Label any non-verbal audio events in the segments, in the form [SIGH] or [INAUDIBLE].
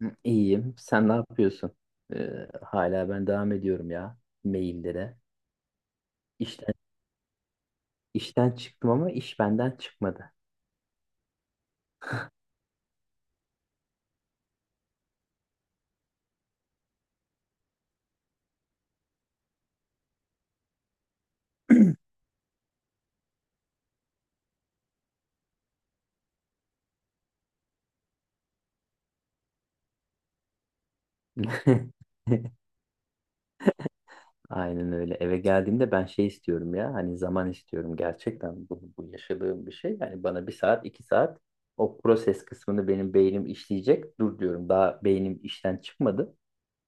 Hı, İyiyim. Sen ne yapıyorsun? Hala ben devam ediyorum ya maillere. İşten, işten çıktım ama iş benden çıkmadı. [LAUGHS] Aynen öyle. Eve geldiğimde ben şey istiyorum ya. Hani zaman istiyorum. Gerçekten bu yaşadığım bir şey. Yani bana bir saat, iki saat o proses kısmını benim beynim işleyecek. Dur diyorum. Daha beynim işten çıkmadı.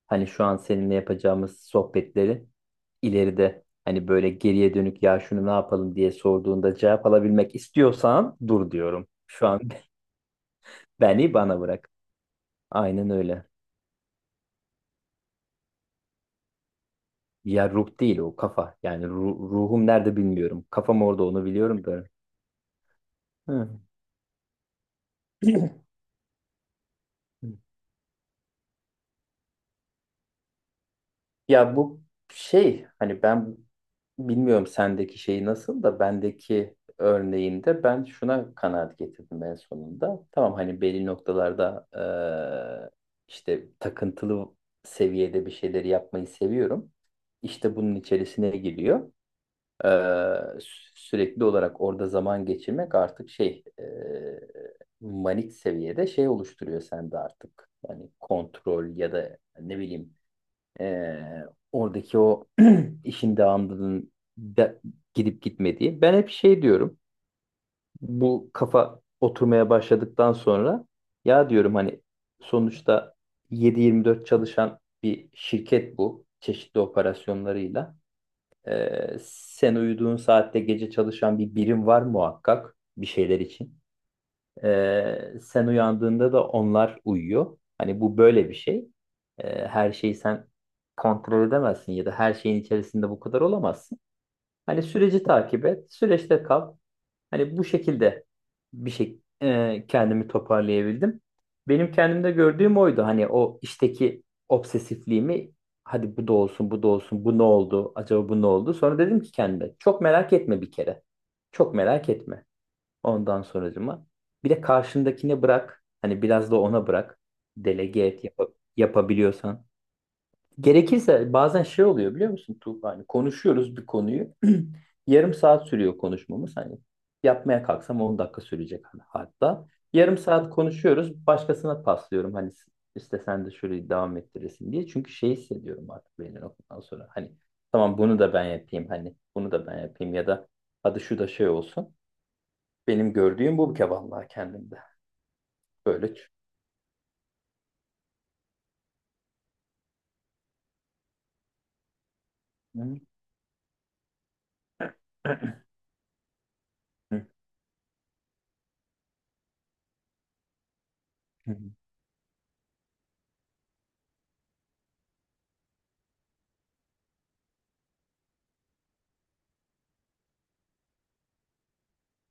Hani şu an seninle yapacağımız sohbetleri ileride hani böyle geriye dönük ya şunu ne yapalım diye sorduğunda cevap alabilmek istiyorsan dur diyorum. Şu an [LAUGHS] beni bana bırak. Aynen öyle. Ya ruh değil o kafa. Yani ruhum nerede bilmiyorum. Kafam orada onu biliyorum da. Hı. [CLEARS THROAT] Ya bu şey hani ben bilmiyorum sendeki şeyi nasıl da bendeki örneğinde ben şuna kanaat getirdim en sonunda. Tamam hani belli noktalarda eee, işte takıntılı seviyede bir şeyleri yapmayı seviyorum. İşte bunun içerisine giriyor. Sürekli olarak orada zaman geçirmek artık şey manik seviyede şey oluşturuyor sende artık. Yani kontrol ya da ne bileyim ee, oradaki o [CLEARS THROAT] işin devamlılığının de- gidip gitmediği. Ben hep şey diyorum. Bu kafa oturmaya başladıktan sonra ya diyorum hani sonuçta 7/24 çalışan bir şirket bu. Çeşitli operasyonlarıyla. Sen uyuduğun saatte gece çalışan bir birim var muhakkak bir şeyler için. Sen uyandığında da onlar uyuyor. Hani bu böyle bir şey. Her şeyi sen kontrol edemezsin ya da her şeyin içerisinde bu kadar olamazsın. Hani süreci takip et, süreçte kal. Hani bu şekilde bir şey kendimi toparlayabildim. Benim kendimde gördüğüm oydu. Hani o işteki obsesifliğimi hadi bu da olsun, bu da olsun, bu ne oldu, acaba bu ne oldu? Sonra dedim ki kendime çok merak etme bir kere. Çok merak etme. Ondan sonracıma. Bir de karşındakine bırak. Hani biraz da ona bırak. Delege et yapabiliyorsan. Gerekirse bazen şey oluyor biliyor musun Tuğba? Hani konuşuyoruz bir konuyu. [CLEARS THROAT] Yarım saat sürüyor konuşmamız. Hani yapmaya kalksam 10 dakika sürecek hani hatta. Yarım saat konuşuyoruz. Başkasına paslıyorum. Hani işte sen de şöyle devam ettiresin diye. Çünkü şey hissediyorum artık belli noktadan sonra. Hani tamam bunu da ben yapayım. Hani bunu da ben yapayım ya da hadi şu da şey olsun. Benim gördüğüm bu bir kere vallahi kendimde. Böyle.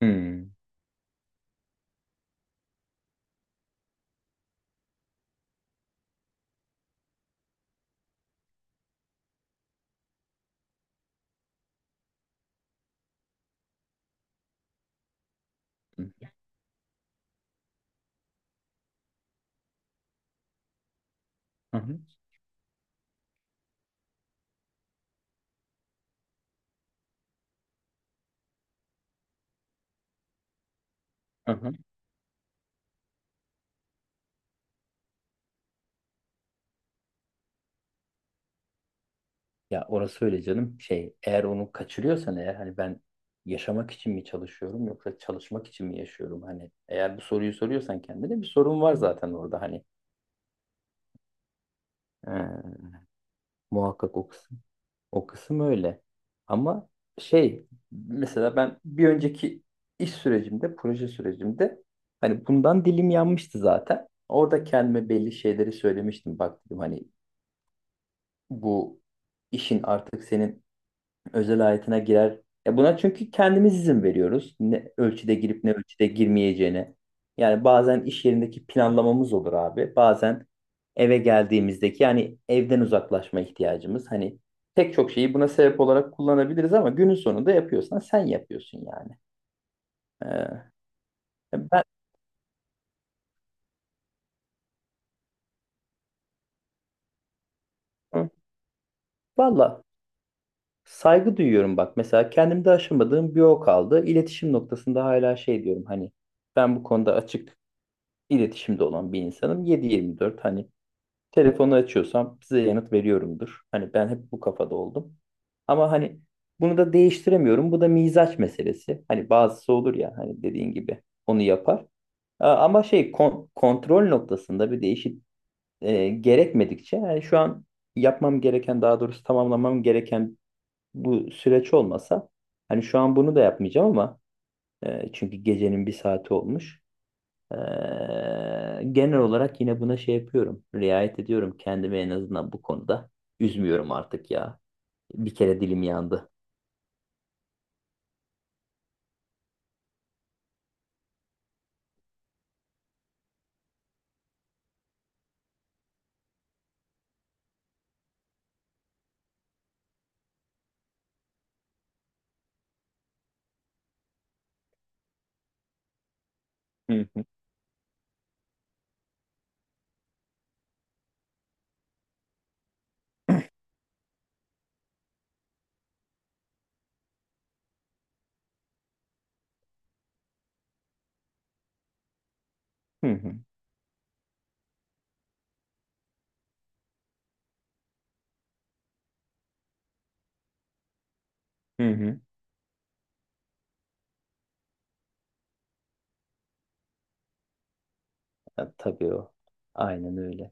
[LAUGHS] Ya orası öyle canım. Şey, eğer onu kaçırıyorsan eğer hani ben yaşamak için mi çalışıyorum yoksa çalışmak için mi yaşıyorum? Hani eğer bu soruyu soruyorsan kendine bir sorun var zaten orada hani. Ee, Muhakkak o kısım. O kısım öyle. Ama şey mesela ben bir önceki iş sürecimde, proje sürecimde hani bundan dilim yanmıştı zaten. Orada kendime belli şeyleri söylemiştim. Bak dedim hani bu işin artık senin özel hayatına girer. Ya buna çünkü kendimiz izin veriyoruz. Ne ölçüde girip ne ölçüde girmeyeceğine. Yani bazen iş yerindeki planlamamız olur abi. Bazen eve geldiğimizdeki yani evden uzaklaşma ihtiyacımız. Hani pek çok şeyi buna sebep olarak kullanabiliriz ama günün sonunda yapıyorsan sen yapıyorsun yani. Ee, Ben [LAUGHS] Hı. Valla saygı duyuyorum bak. Mesela kendimde aşamadığım bir o kaldı. İletişim noktasında hala şey diyorum hani ben bu konuda açık iletişimde olan bir insanım. 7/24 hani telefonu açıyorsam size yanıt veriyorumdur. Hani ben hep bu kafada oldum. Ama hani bunu da değiştiremiyorum. Bu da mizaç meselesi. Hani bazısı olur ya hani dediğin gibi onu yapar. Ama şey kontrol noktasında bir değişik gerekmedikçe yani şu an yapmam gereken daha doğrusu tamamlamam gereken bu süreç olmasa hani şu an bunu da yapmayacağım ama çünkü gecenin bir saati olmuş. Genel olarak yine buna şey yapıyorum. Riayet ediyorum kendimi en azından bu konuda. Üzmüyorum artık ya. Bir kere dilim yandı. Hı hı. Hı hı. Hı hı. Ya, tabii o. Aynen öyle.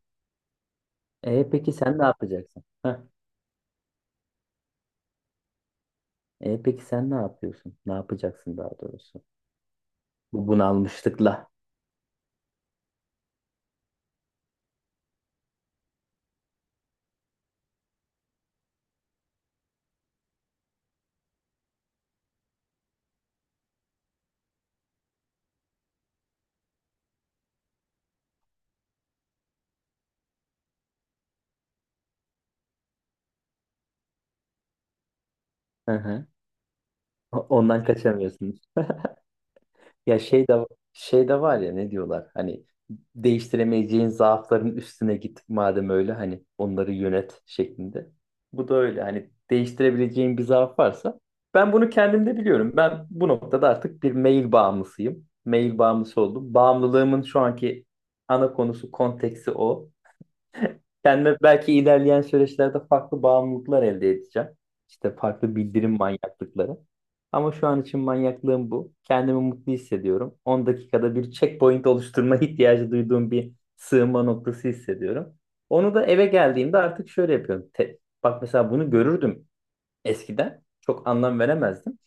E peki sen ne yapacaksın? Heh. E peki sen ne yapıyorsun? Ne yapacaksın daha doğrusu? Bu bunalmışlıkla. Hı hı. O- Ondan kaçamıyorsunuz. Ya şey de şey de var ya ne diyorlar hani değiştiremeyeceğin zaafların üstüne git madem öyle hani onları yönet şeklinde. Bu da öyle hani değiştirebileceğin bir zaaf varsa ben bunu kendimde biliyorum. Ben bu noktada artık bir mail bağımlısıyım. Mail bağımlısı oldum. Bağımlılığımın şu anki ana konusu konteksi o. Kendime belki ilerleyen süreçlerde farklı bağımlılıklar elde edeceğim. İşte farklı bildirim manyaklıkları. Ama şu an için manyaklığım bu. Kendimi mutlu hissediyorum. 10 dakikada bir checkpoint oluşturma [LAUGHS] ihtiyacı duyduğum bir sığınma noktası hissediyorum. Onu da eve geldiğimde artık şöyle yapıyorum. Bak mesela bunu görürdüm eskiden. Çok anlam veremezdim.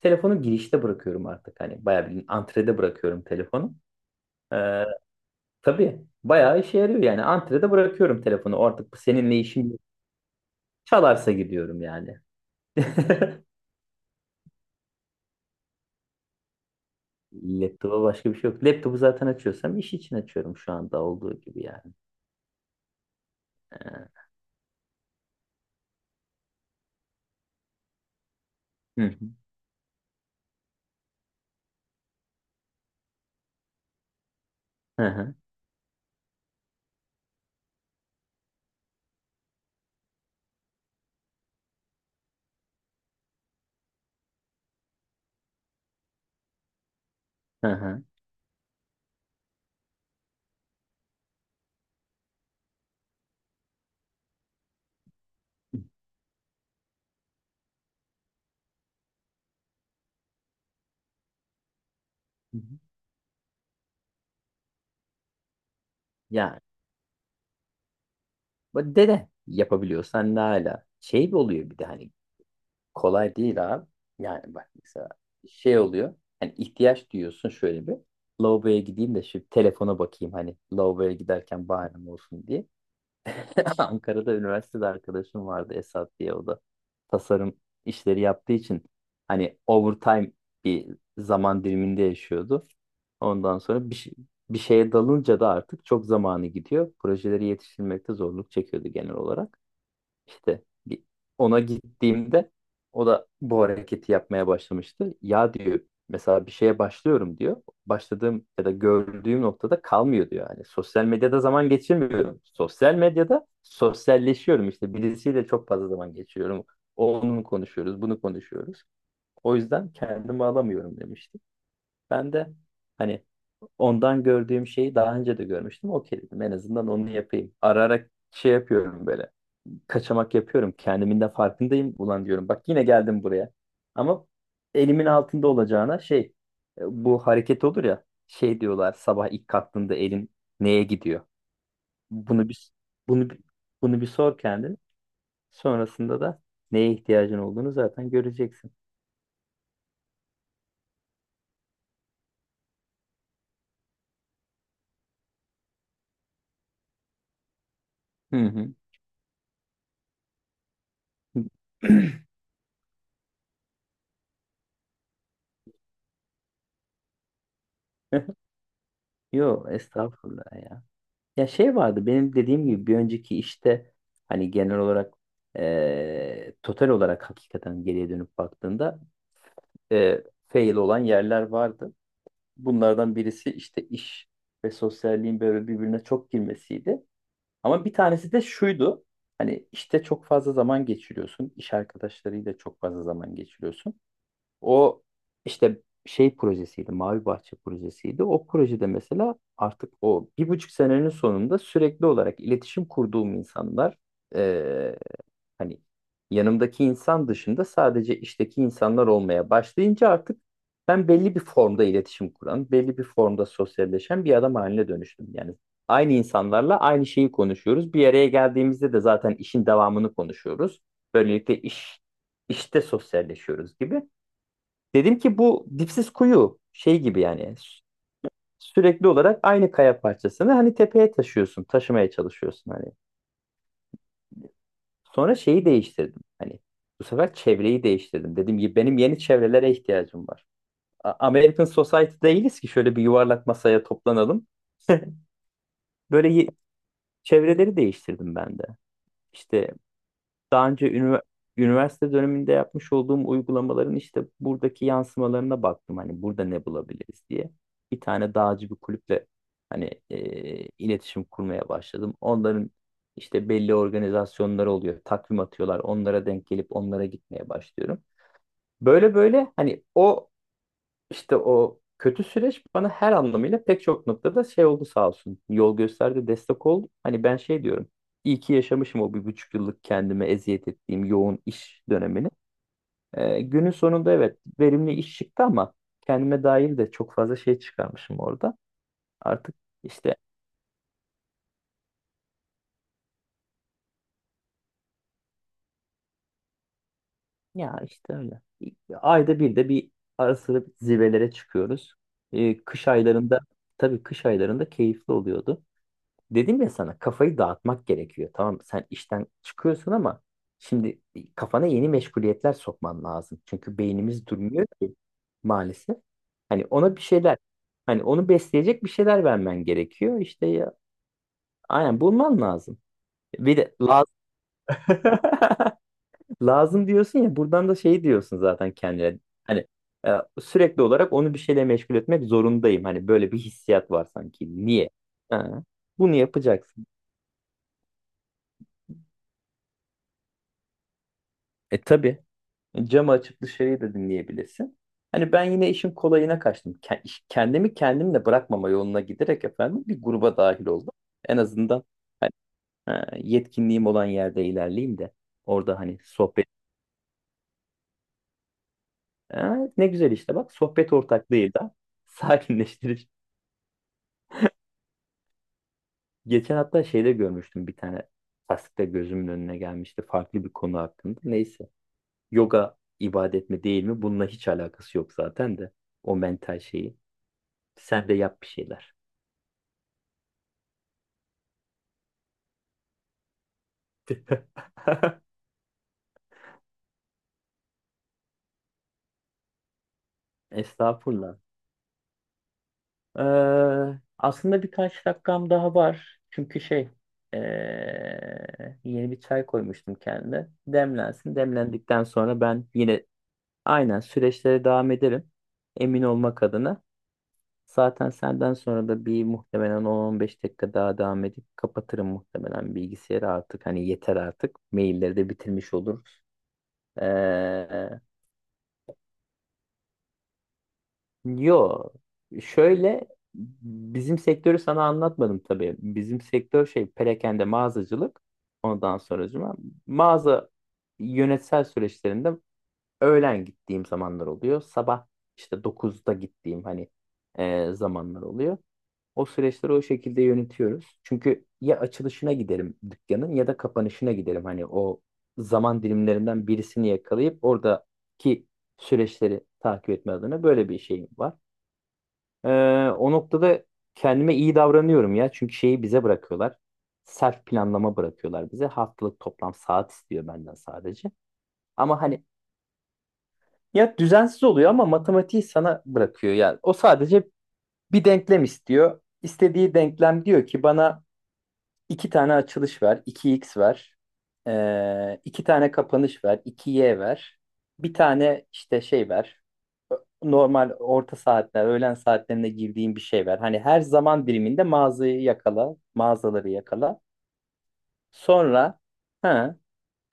Telefonu girişte bırakıyorum artık. Hani bayağı bir antrede bırakıyorum telefonu. Tabii bayağı işe yarıyor yani. Antrede bırakıyorum telefonu artık bu seninle işim yok. Çalarsa gidiyorum yani. [LAUGHS] Laptopa başka bir şey yok. Laptopu zaten açıyorsam iş için açıyorum şu anda olduğu gibi yani. Ee, Hı hı hı hı. Hı. Hı hı. Yani bu dede yapabiliyorsan ne hala. Şey bir oluyor bir de hani kolay değil abi. Yani bak mesela şey oluyor. Hani ihtiyaç duyuyorsun şöyle bir. Lavaboya gideyim de şu telefona bakayım hani lavaboya giderken bahanem olsun diye. [LAUGHS] Ankara'da üniversitede arkadaşım vardı Esat diye o da tasarım işleri yaptığı için hani overtime bir zaman diliminde yaşıyordu. Ondan sonra bir şeye dalınca da artık çok zamanı gidiyor. Projeleri yetiştirmekte zorluk çekiyordu genel olarak. İşte ona gittiğimde o da bu hareketi yapmaya başlamıştı. Ya diyor mesela bir şeye başlıyorum diyor. Başladığım ya da gördüğüm noktada kalmıyor diyor. Yani sosyal medyada zaman geçirmiyorum. Sosyal medyada sosyalleşiyorum işte birisiyle çok fazla zaman geçiriyorum. Onu konuşuyoruz, bunu konuşuyoruz. O yüzden kendimi alamıyorum demişti. Ben de hani ondan gördüğüm şeyi daha önce de görmüştüm. Okey dedim en azından onu yapayım. Ararak şey yapıyorum böyle kaçamak yapıyorum. Kendimin de farkındayım. Ulan diyorum bak yine geldim buraya. Ama elimin altında olacağına şey bu hareket olur ya şey diyorlar sabah ilk kalktığında elin neye gidiyor? Bunu bir bunu bir- Bunu bir sor kendin. Sonrasında da neye ihtiyacın olduğunu zaten göreceksin. Hı hı. [CLEARS THROAT] Yo estağfurullah ya. Ya şey vardı benim dediğim gibi bir önceki işte hani genel olarak total olarak hakikaten geriye dönüp baktığında fail olan yerler vardı. Bunlardan birisi işte iş ve sosyalliğin böyle birbirine çok girmesiydi. Ama bir tanesi de şuydu. Hani işte çok fazla zaman geçiriyorsun. İş arkadaşlarıyla çok fazla zaman geçiriyorsun. O işte şey projesiydi, Mavi Bahçe projesiydi. O projede mesela artık o bir buçuk senenin sonunda sürekli olarak iletişim kurduğum insanlar e, hani yanımdaki insan dışında sadece işteki insanlar olmaya başlayınca artık ben belli bir formda iletişim kuran, belli bir formda sosyalleşen bir adam haline dönüştüm. Yani aynı insanlarla aynı şeyi konuşuyoruz. Bir araya geldiğimizde de zaten işin devamını konuşuyoruz. Böylelikle iş işte sosyalleşiyoruz gibi. Dedim ki bu dipsiz kuyu şey gibi yani sürekli olarak aynı kaya parçasını hani tepeye taşıyorsun, taşımaya çalışıyorsun hani. Sonra şeyi değiştirdim. Hani bu sefer çevreyi değiştirdim. Dedim ki benim yeni çevrelere ihtiyacım var. American Society değiliz ki şöyle bir yuvarlak masaya toplanalım. [LAUGHS] Böyle çevreleri değiştirdim ben de. İşte daha önce üniversite döneminde yapmış olduğum uygulamaların işte buradaki yansımalarına baktım. Hani burada ne bulabiliriz diye. Bir tane dağcı bir kulüple hani iletişim kurmaya başladım. Onların işte belli organizasyonları oluyor. Takvim atıyorlar. Onlara denk gelip onlara gitmeye başlıyorum. Böyle böyle hani o işte o kötü süreç bana her anlamıyla pek çok noktada şey oldu sağ olsun. Yol gösterdi, destek oldu. Hani ben şey diyorum. İyi ki yaşamışım o bir buçuk yıllık kendime eziyet ettiğim yoğun iş dönemini. Günün sonunda evet verimli iş çıktı ama kendime dair de çok fazla şey çıkarmışım orada. Artık işte ya işte öyle. Ayda bir de bir ara sıra zirvelere çıkıyoruz. Kış aylarında tabii kış aylarında keyifli oluyordu. Dedim ya sana kafayı dağıtmak gerekiyor. Tamam sen işten çıkıyorsun ama şimdi kafana yeni meşguliyetler sokman lazım. Çünkü beynimiz durmuyor ki maalesef. Hani ona bir şeyler hani onu besleyecek bir şeyler vermen gerekiyor. İşte ya, aynen bulman lazım. Bir de lazım, [LAUGHS] lazım diyorsun ya buradan da şey diyorsun zaten kendine. Hani e, sürekli olarak onu bir şeyle meşgul etmek zorundayım. Hani böyle bir hissiyat var sanki. Niye? Ha, bunu yapacaksın. E tabii. E, camı açıp dışarıyı da dinleyebilirsin. Hani ben yine işin kolayına kaçtım. Kendimi kendimle bırakmama yoluna giderek efendim bir gruba dahil oldum. En azından hani, ha, yetkinliğim olan yerde ilerleyeyim de orada hani sohbet. Ha, ne güzel işte bak sohbet ortaklığıyla [LAUGHS] sakinleştirici. Geçen hatta şeyde görmüştüm bir tane tasvirde gözümün önüne gelmişti farklı bir konu hakkında. Neyse yoga ibadet mi değil mi bununla hiç alakası yok zaten de o mental şeyi. Sen de yap bir şeyler. [LAUGHS] Estağfurullah. Ee, Aslında birkaç dakikam daha var. Çünkü şey ee, yeni bir çay koymuştum kendime. Demlensin. Demlendikten sonra ben yine aynen süreçlere devam ederim. Emin olmak adına. Zaten senden sonra da bir muhtemelen 10-15 dakika daha devam edip kapatırım muhtemelen bilgisayarı artık. Hani yeter artık. Mailleri de bitirmiş olur. Yo, şöyle bizim sektörü sana anlatmadım tabii. Bizim sektör şey perakende mağazacılık. Ondan sonracıma mağaza yönetsel süreçlerinde öğlen gittiğim zamanlar oluyor. Sabah işte dokuzda gittiğim hani zamanlar oluyor. O süreçleri o şekilde yönetiyoruz. Çünkü ya açılışına giderim dükkanın ya da kapanışına giderim. Hani o zaman dilimlerinden birisini yakalayıp oradaki süreçleri takip etme adına böyle bir şeyim var. Ee, O noktada kendime iyi davranıyorum ya. Çünkü şeyi bize bırakıyorlar. Self planlama bırakıyorlar bize. Haftalık toplam saat istiyor benden sadece. Ama hani ya düzensiz oluyor ama matematiği sana bırakıyor. Yani o sadece bir denklem istiyor. İstediği denklem diyor ki bana İki tane açılış ver, iki x ver, iki tane kapanış ver, iki y ver, bir tane işte şey ver, Ö- normal orta saatler, öğlen saatlerinde girdiğin bir şey ver. Hani her zaman diliminde mağazayı yakala, mağazaları yakala. Sonra ha,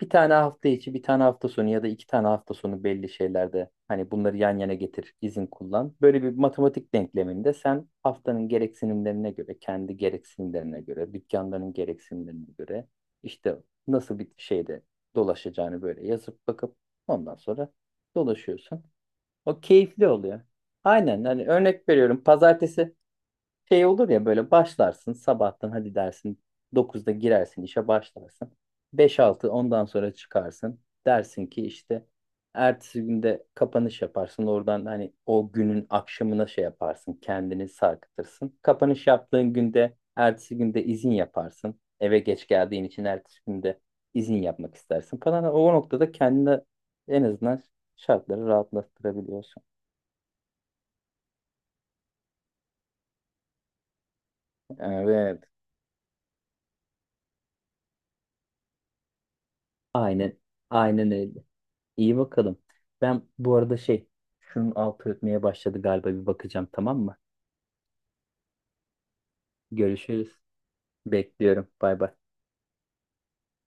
bir tane hafta içi, bir tane hafta sonu ya da iki tane hafta sonu belli şeylerde hani bunları yan yana getir, izin kullan. Böyle bir matematik denkleminde sen haftanın gereksinimlerine göre, kendi gereksinimlerine göre, dükkanların gereksinimlerine göre işte nasıl bir şeyde dolaşacağını böyle yazıp bakıp ondan sonra dolaşıyorsun. O keyifli oluyor. Aynen hani örnek veriyorum pazartesi şey olur ya böyle başlarsın sabahtan hadi dersin dokuzda girersin işe başlarsın. Beş altı ondan sonra çıkarsın. Dersin ki işte ertesi günde kapanış yaparsın. Oradan hani o günün akşamına şey yaparsın. Kendini sarkıtırsın. Kapanış yaptığın günde ertesi günde izin yaparsın. Eve geç geldiğin için ertesi günde izin yapmak istersin falan. O noktada kendine en azından şartları rahatlattırabiliyorsun. Evet. Aynen. Aynen öyle. İyi bakalım. Ben bu arada şey, şunun altı ötmeye başladı galiba bir bakacağım tamam mı? Görüşürüz. Bekliyorum. Bay bay.